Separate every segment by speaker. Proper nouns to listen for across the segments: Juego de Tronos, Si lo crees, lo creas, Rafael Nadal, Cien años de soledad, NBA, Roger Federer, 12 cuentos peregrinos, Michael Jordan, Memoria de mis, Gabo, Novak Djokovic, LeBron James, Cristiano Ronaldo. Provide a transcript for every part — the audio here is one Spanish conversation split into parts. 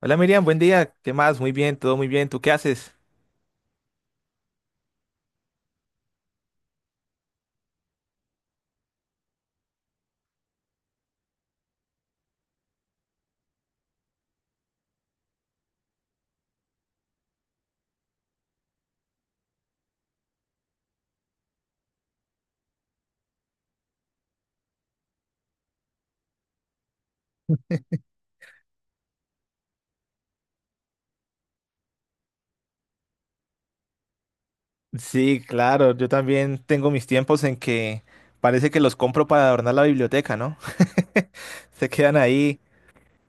Speaker 1: Hola Miriam, buen día. ¿Qué más? Muy bien, todo muy bien. ¿Tú qué haces? Sí, claro, yo también tengo mis tiempos en que parece que los compro para adornar la biblioteca, ¿no? Se quedan ahí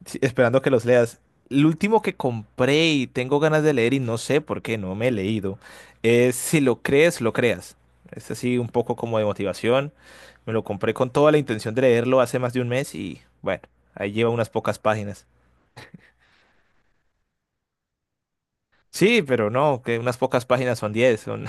Speaker 1: sí, esperando que los leas. El último que compré y tengo ganas de leer y no sé por qué no me he leído es Si lo crees, lo creas. Es así un poco como de motivación. Me lo compré con toda la intención de leerlo hace más de un mes y bueno, ahí lleva unas pocas páginas. Sí, pero no, que unas pocas páginas son 10. Son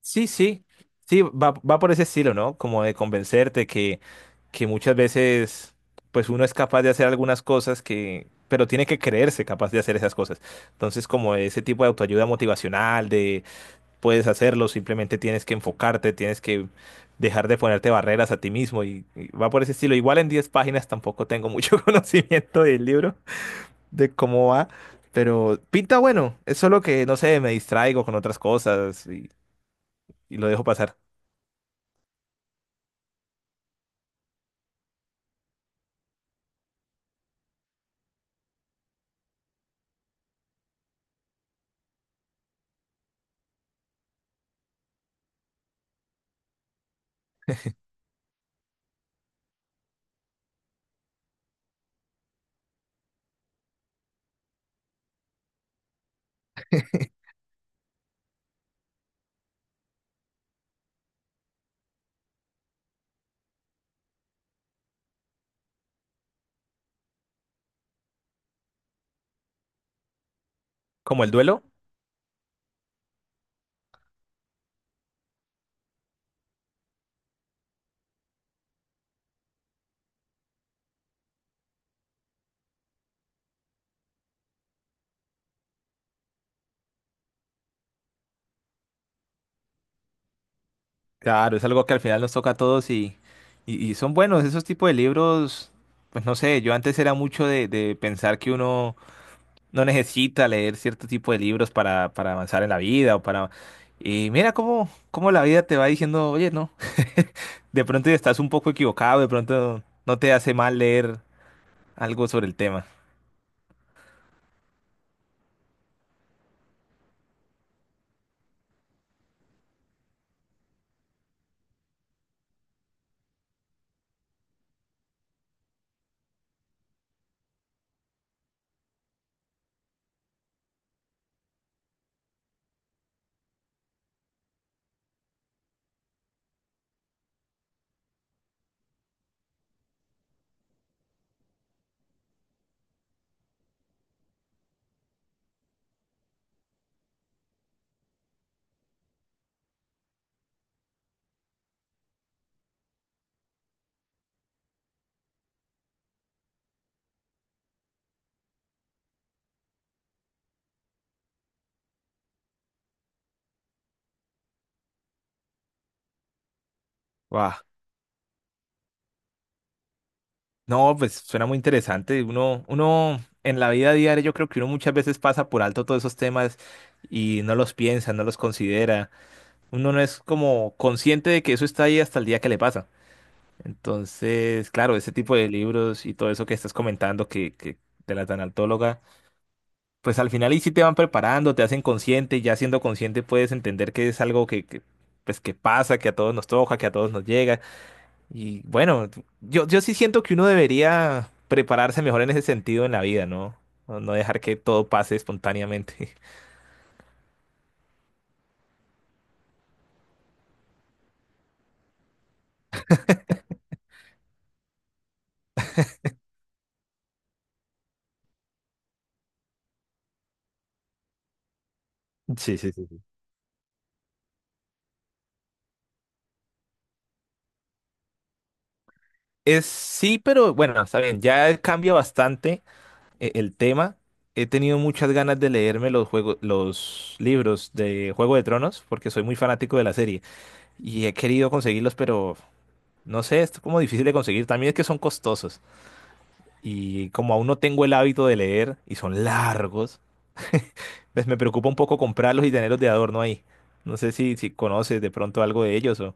Speaker 1: Sí, sí, sí, va por ese estilo, ¿no? Como de convencerte que muchas veces, pues uno es capaz de hacer algunas cosas que, pero tiene que creerse capaz de hacer esas cosas. Entonces, como ese tipo de autoayuda motivacional, de puedes hacerlo, simplemente tienes que enfocarte, tienes que dejar de ponerte barreras a ti mismo y va por ese estilo. Igual en 10 páginas tampoco tengo mucho conocimiento del libro, de cómo va, pero pinta bueno, es solo que, no sé, me distraigo con otras cosas y lo dejo pasar. Como el duelo, claro, es algo que al final nos toca a todos y son buenos esos tipos de libros. Pues no sé, yo antes era mucho de pensar que uno no necesita leer cierto tipo de libros para avanzar en la vida o para... Y mira cómo la vida te va diciendo, oye, no, de pronto estás un poco equivocado, de pronto no te hace mal leer algo sobre el tema. Wow. No, pues suena muy interesante. Uno en la vida diaria yo creo que uno muchas veces pasa por alto todos esos temas y no los piensa, no los considera. Uno no es como consciente de que eso está ahí hasta el día que le pasa. Entonces, claro, ese tipo de libros y todo eso que estás comentando que de la tanatóloga, pues al final ahí sí te van preparando, te hacen consciente y ya siendo consciente puedes entender que es algo que pues que pasa, que a todos nos toca, que a todos nos llega y bueno, yo sí siento que uno debería prepararse mejor en ese sentido en la vida, ¿no? No dejar que todo pase espontáneamente. Sí, sí, sí, sí. Es sí, pero bueno, está bien, ya cambia bastante el tema. He tenido muchas ganas de leerme los juegos, los libros de Juego de Tronos, porque soy muy fanático de la serie y he querido conseguirlos, pero no sé, es como difícil de conseguir. También es que son costosos y como aún no tengo el hábito de leer y son largos, pues me preocupa un poco comprarlos y tenerlos de adorno ahí. No sé si conoces de pronto algo de ellos o...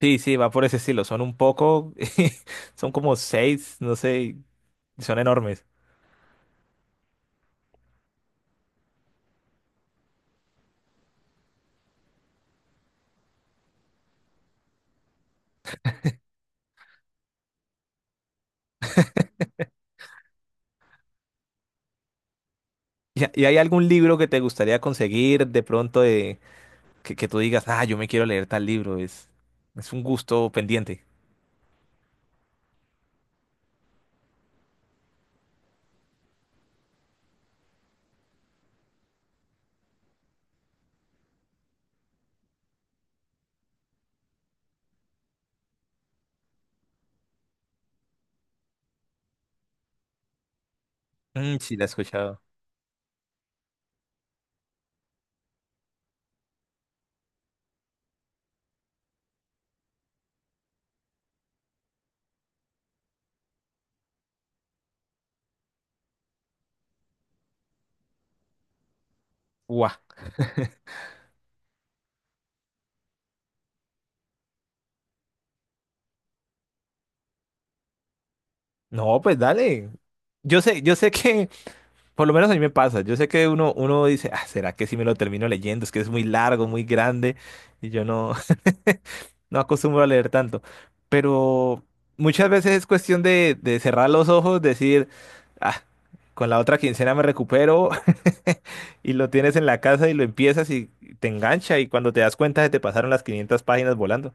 Speaker 1: Sí, sí, va por ese estilo. Son un poco... Son como seis, no sé, y son enormes. ¿Y hay algún libro que te gustaría conseguir de pronto de, que tú digas, ah, yo me quiero leer tal libro? Es un gusto pendiente. Mm, sí, la he escuchado. Guau. No, pues dale. Yo sé que Por lo menos a mí me pasa. Yo sé que uno dice, ah, ¿será que si me lo termino leyendo? Es que es muy largo, muy grande y yo no, no acostumbro a leer tanto. Pero muchas veces es cuestión de cerrar los ojos, decir, ah, con la otra quincena me recupero y lo tienes en la casa y lo empiezas y te engancha y cuando te das cuenta se te pasaron las 500 páginas volando.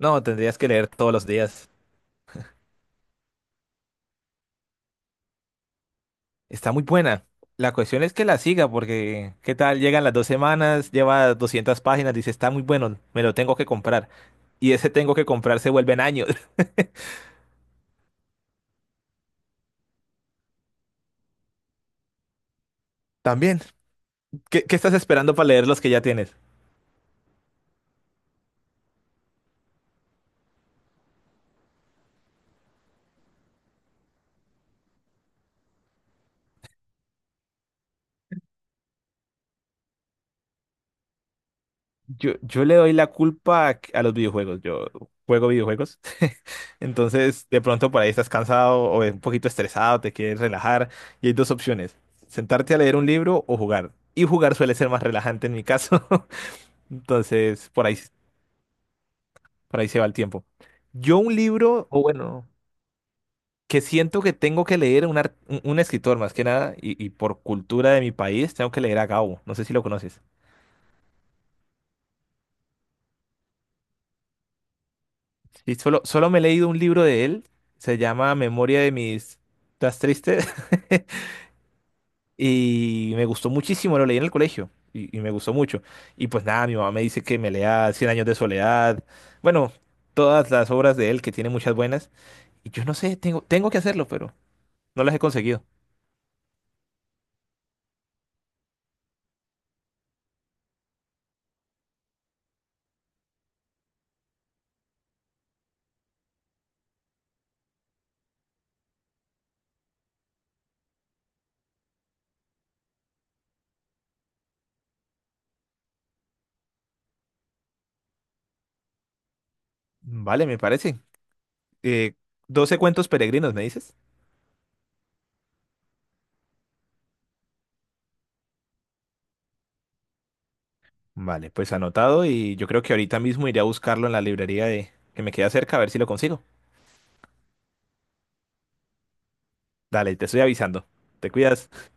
Speaker 1: No, tendrías que leer todos los días. Está muy buena. La cuestión es que la siga, porque ¿qué tal? Llegan las dos semanas, lleva 200 páginas, dice, está muy bueno, me lo tengo que comprar. Y ese tengo que comprar se vuelven años. También. ¿Qué, qué estás esperando para leer los que ya tienes? Yo le doy la culpa a los videojuegos. Yo juego videojuegos. Entonces, de pronto por ahí estás cansado o un poquito estresado, te quieres relajar. Y hay dos opciones. Sentarte a leer un libro o jugar. Y jugar suele ser más relajante en mi caso. Entonces, Por ahí se va el tiempo. Yo un libro, o bueno, que siento que tengo que leer un un escritor más que nada, y por cultura de mi país, tengo que leer a Gabo. No sé si lo conoces. Y solo me he leído un libro de él, se llama Memoria de mis... ¿Estás triste? Y me gustó muchísimo, lo leí en el colegio y me gustó mucho. Y pues nada, mi mamá me dice que me lea Cien años de soledad, bueno, todas las obras de él, que tiene muchas buenas. Y yo no sé, tengo que hacerlo, pero no las he conseguido. Vale, me parece. Eh, 12 cuentos peregrinos, ¿me dices? Vale, pues anotado y yo creo que ahorita mismo iré a buscarlo en la librería de que me queda cerca a ver si lo consigo. Dale, te estoy avisando. Te cuidas.